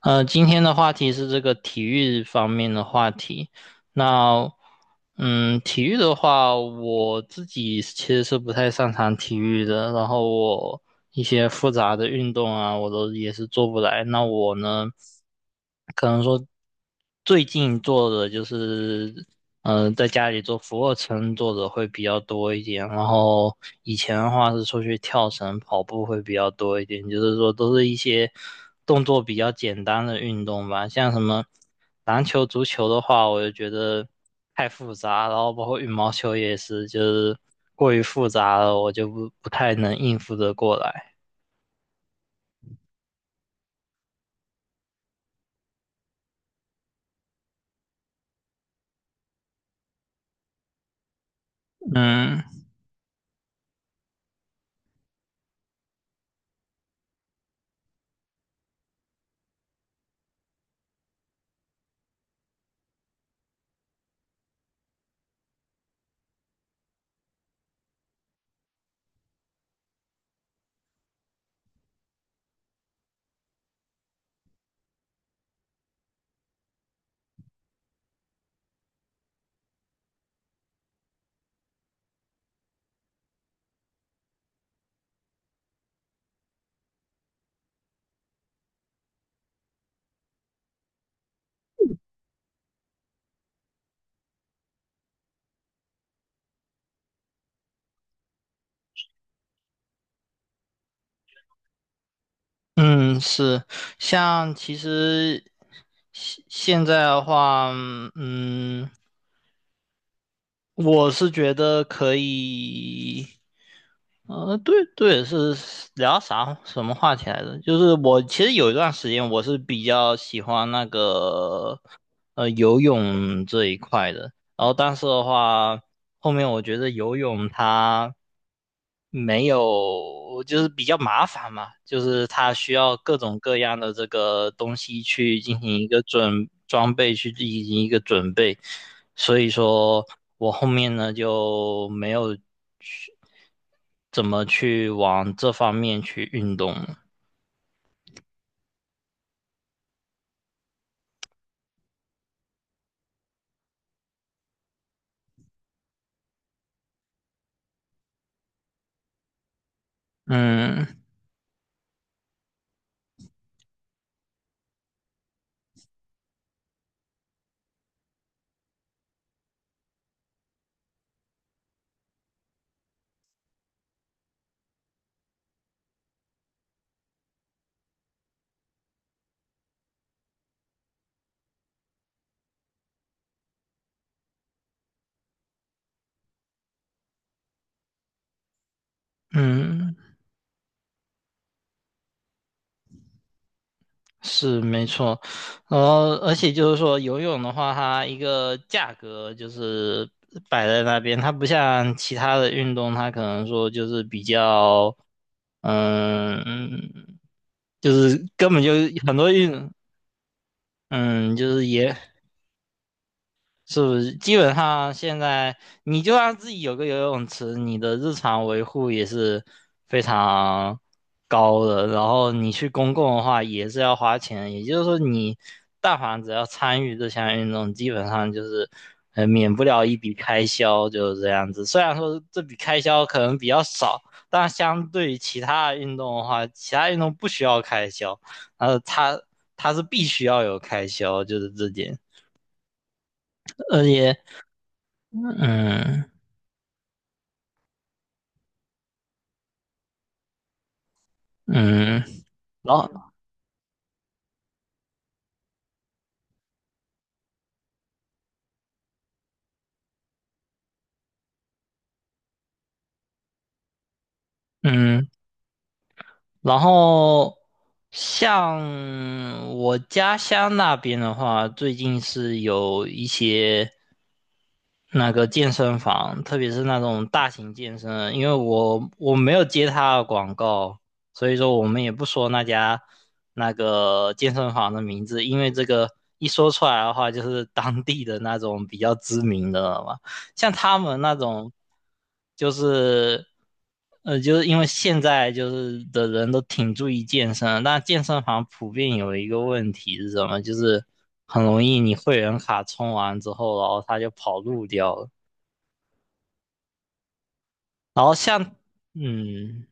今天的话题是这个体育方面的话题。那。体育的话，我自己其实是不太擅长体育的，然后我一些复杂的运动啊，我都也是做不来。那我呢，可能说最近做的就是，在家里做俯卧撑做的会比较多一点，然后以前的话是出去跳绳、跑步会比较多一点，就是说都是一些动作比较简单的运动吧，像什么。篮球、足球的话，我就觉得太复杂，然后包括羽毛球也是，就是过于复杂了，我就不太能应付得过来。嗯嗯，是，像其实现在的话，嗯，我是觉得可以。对对，是聊什么话题来着？就是我其实有一段时间我是比较喜欢那个游泳这一块的。然后，但是的话，后面我觉得游泳它没有，就是比较麻烦嘛，就是它需要各种各样的这个东西去进行一个准装备，去进行一个准备。所以说我后面呢就没有去怎么去往这方面去运动了。嗯嗯。是没错，然后而且就是说游泳的话，它一个价格就是摆在那边，它不像其他的运动，它可能说就是比较，嗯，就是根本就很多运，嗯，就是也是不是基本上现在你就让自己有个游泳池，你的日常维护也是非常高的。然后你去公共的话也是要花钱，也就是说你但凡只要参与这项运动，基本上就是免不了一笔开销，就是这样子。虽然说这笔开销可能比较少，但相对于其他的运动的话，其他运动不需要开销，呃，它它是必须要有开销，就是这点。而且。嗯嗯。然后嗯，然后像我家乡那边的话，最近是有一些那个健身房，特别是那种大型健身，因为我没有接他的广告，所以说我们也不说那家那个健身房的名字，因为这个一说出来的话，就是当地的那种比较知名的了嘛。像他们那种，就是就是因为现在就是的人都挺注意健身，但健身房普遍有一个问题是什么？就是很容易你会员卡充完之后，然后他就跑路掉了。然后像嗯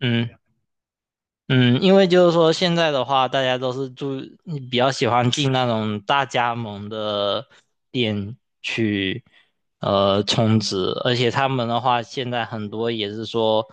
嗯，嗯，因为就是说现在的话，大家都是住，比较喜欢进那种大加盟的店去，充值，而且他们的话，现在很多也是说，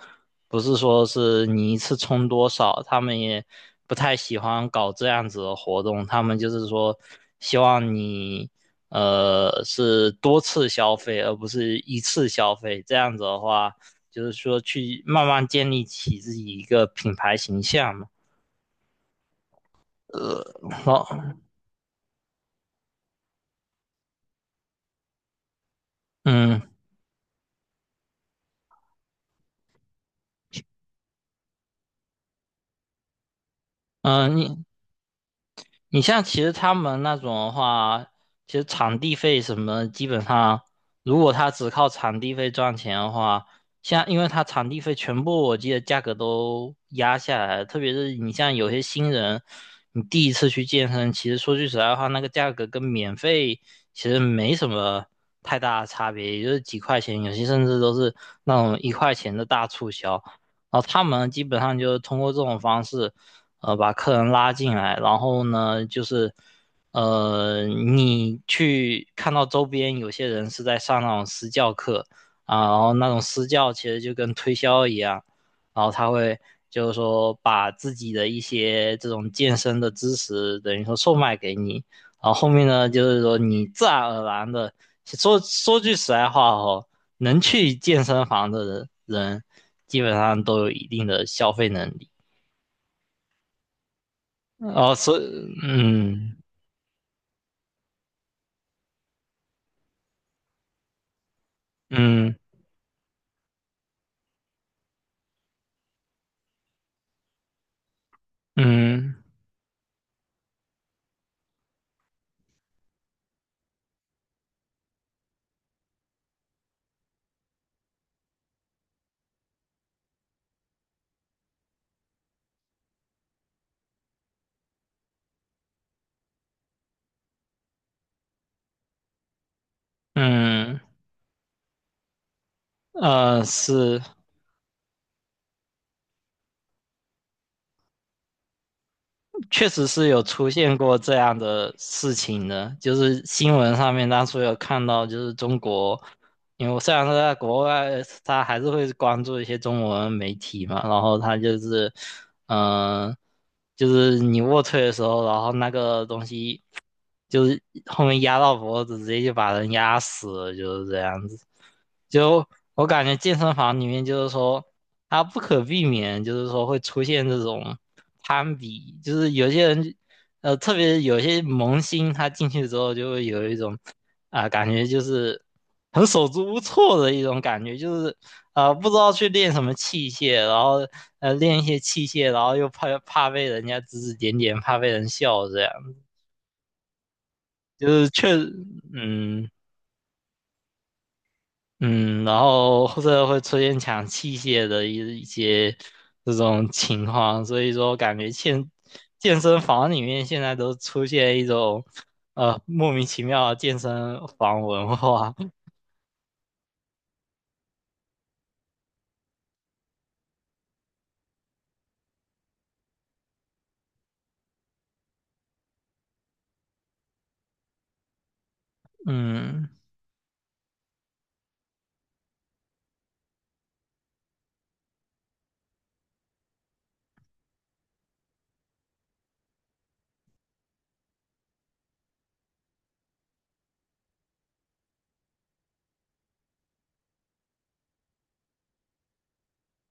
不是说是你一次充多少，他们也不太喜欢搞这样子的活动，他们就是说，希望你，是多次消费，而不是一次消费，这样子的话。就是说去慢慢建立起自己一个品牌形象嘛。好，嗯嗯。你像其实他们那种的话，其实场地费什么的基本上如果他只靠场地费赚钱的话，像因为他场地费全部我记得价格都压下来了特别是你像有些新人，你第一次去健身，其实说句实在话，那个价格跟免费其实没什么太大的差别，也就是几块钱，有些甚至都是那种一块钱的大促销。然后他们基本上就是通过这种方式。把客人拉进来，然后呢，就是你去看到周边有些人是在上那种私教课啊，然后那种私教其实就跟推销一样，然后他会就是说把自己的一些这种健身的知识等于说售卖给你，然后后面呢，就是说你自然而然的说句实在话哦，能去健身房的人基本上都有一定的消费能力。哦，所以，嗯嗯嗯嗯，是，确实是有出现过这样的事情的，就是新闻上面当初有看到，就是中国，因为我虽然说在国外，他还是会关注一些中文媒体嘛，然后他就是，嗯、就是你卧推的时候，然后那个东西。就是后面压到脖子，直接就把人压死了，就是这样子。就我感觉健身房里面就是说，他不可避免，就是说会出现这种攀比，就是有些人，特别有些萌新，他进去之后就会有一种，啊，感觉就是很手足无措的一种感觉，就是啊，不知道去练什么器械，然后练一些器械，然后又怕被人家指指点点，怕被人笑这样。就是确，嗯嗯，然后或者会出现抢器械的一些这种情况，所以说感觉健身房里面现在都出现一种莫名其妙的健身房文化，嗯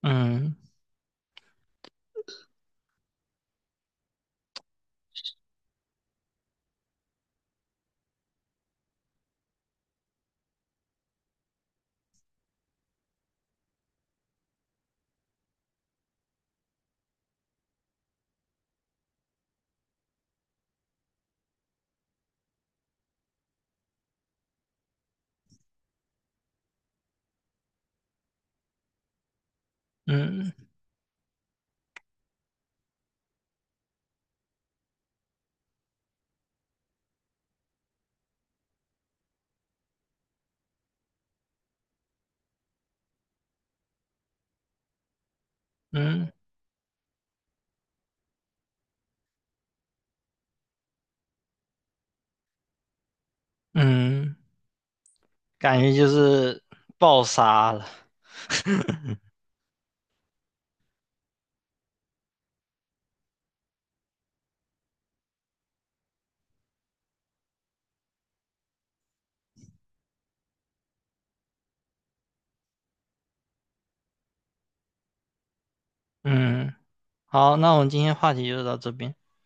嗯嗯嗯嗯，感觉就是爆杀了，嗯，好，那我们今天话题就到这边。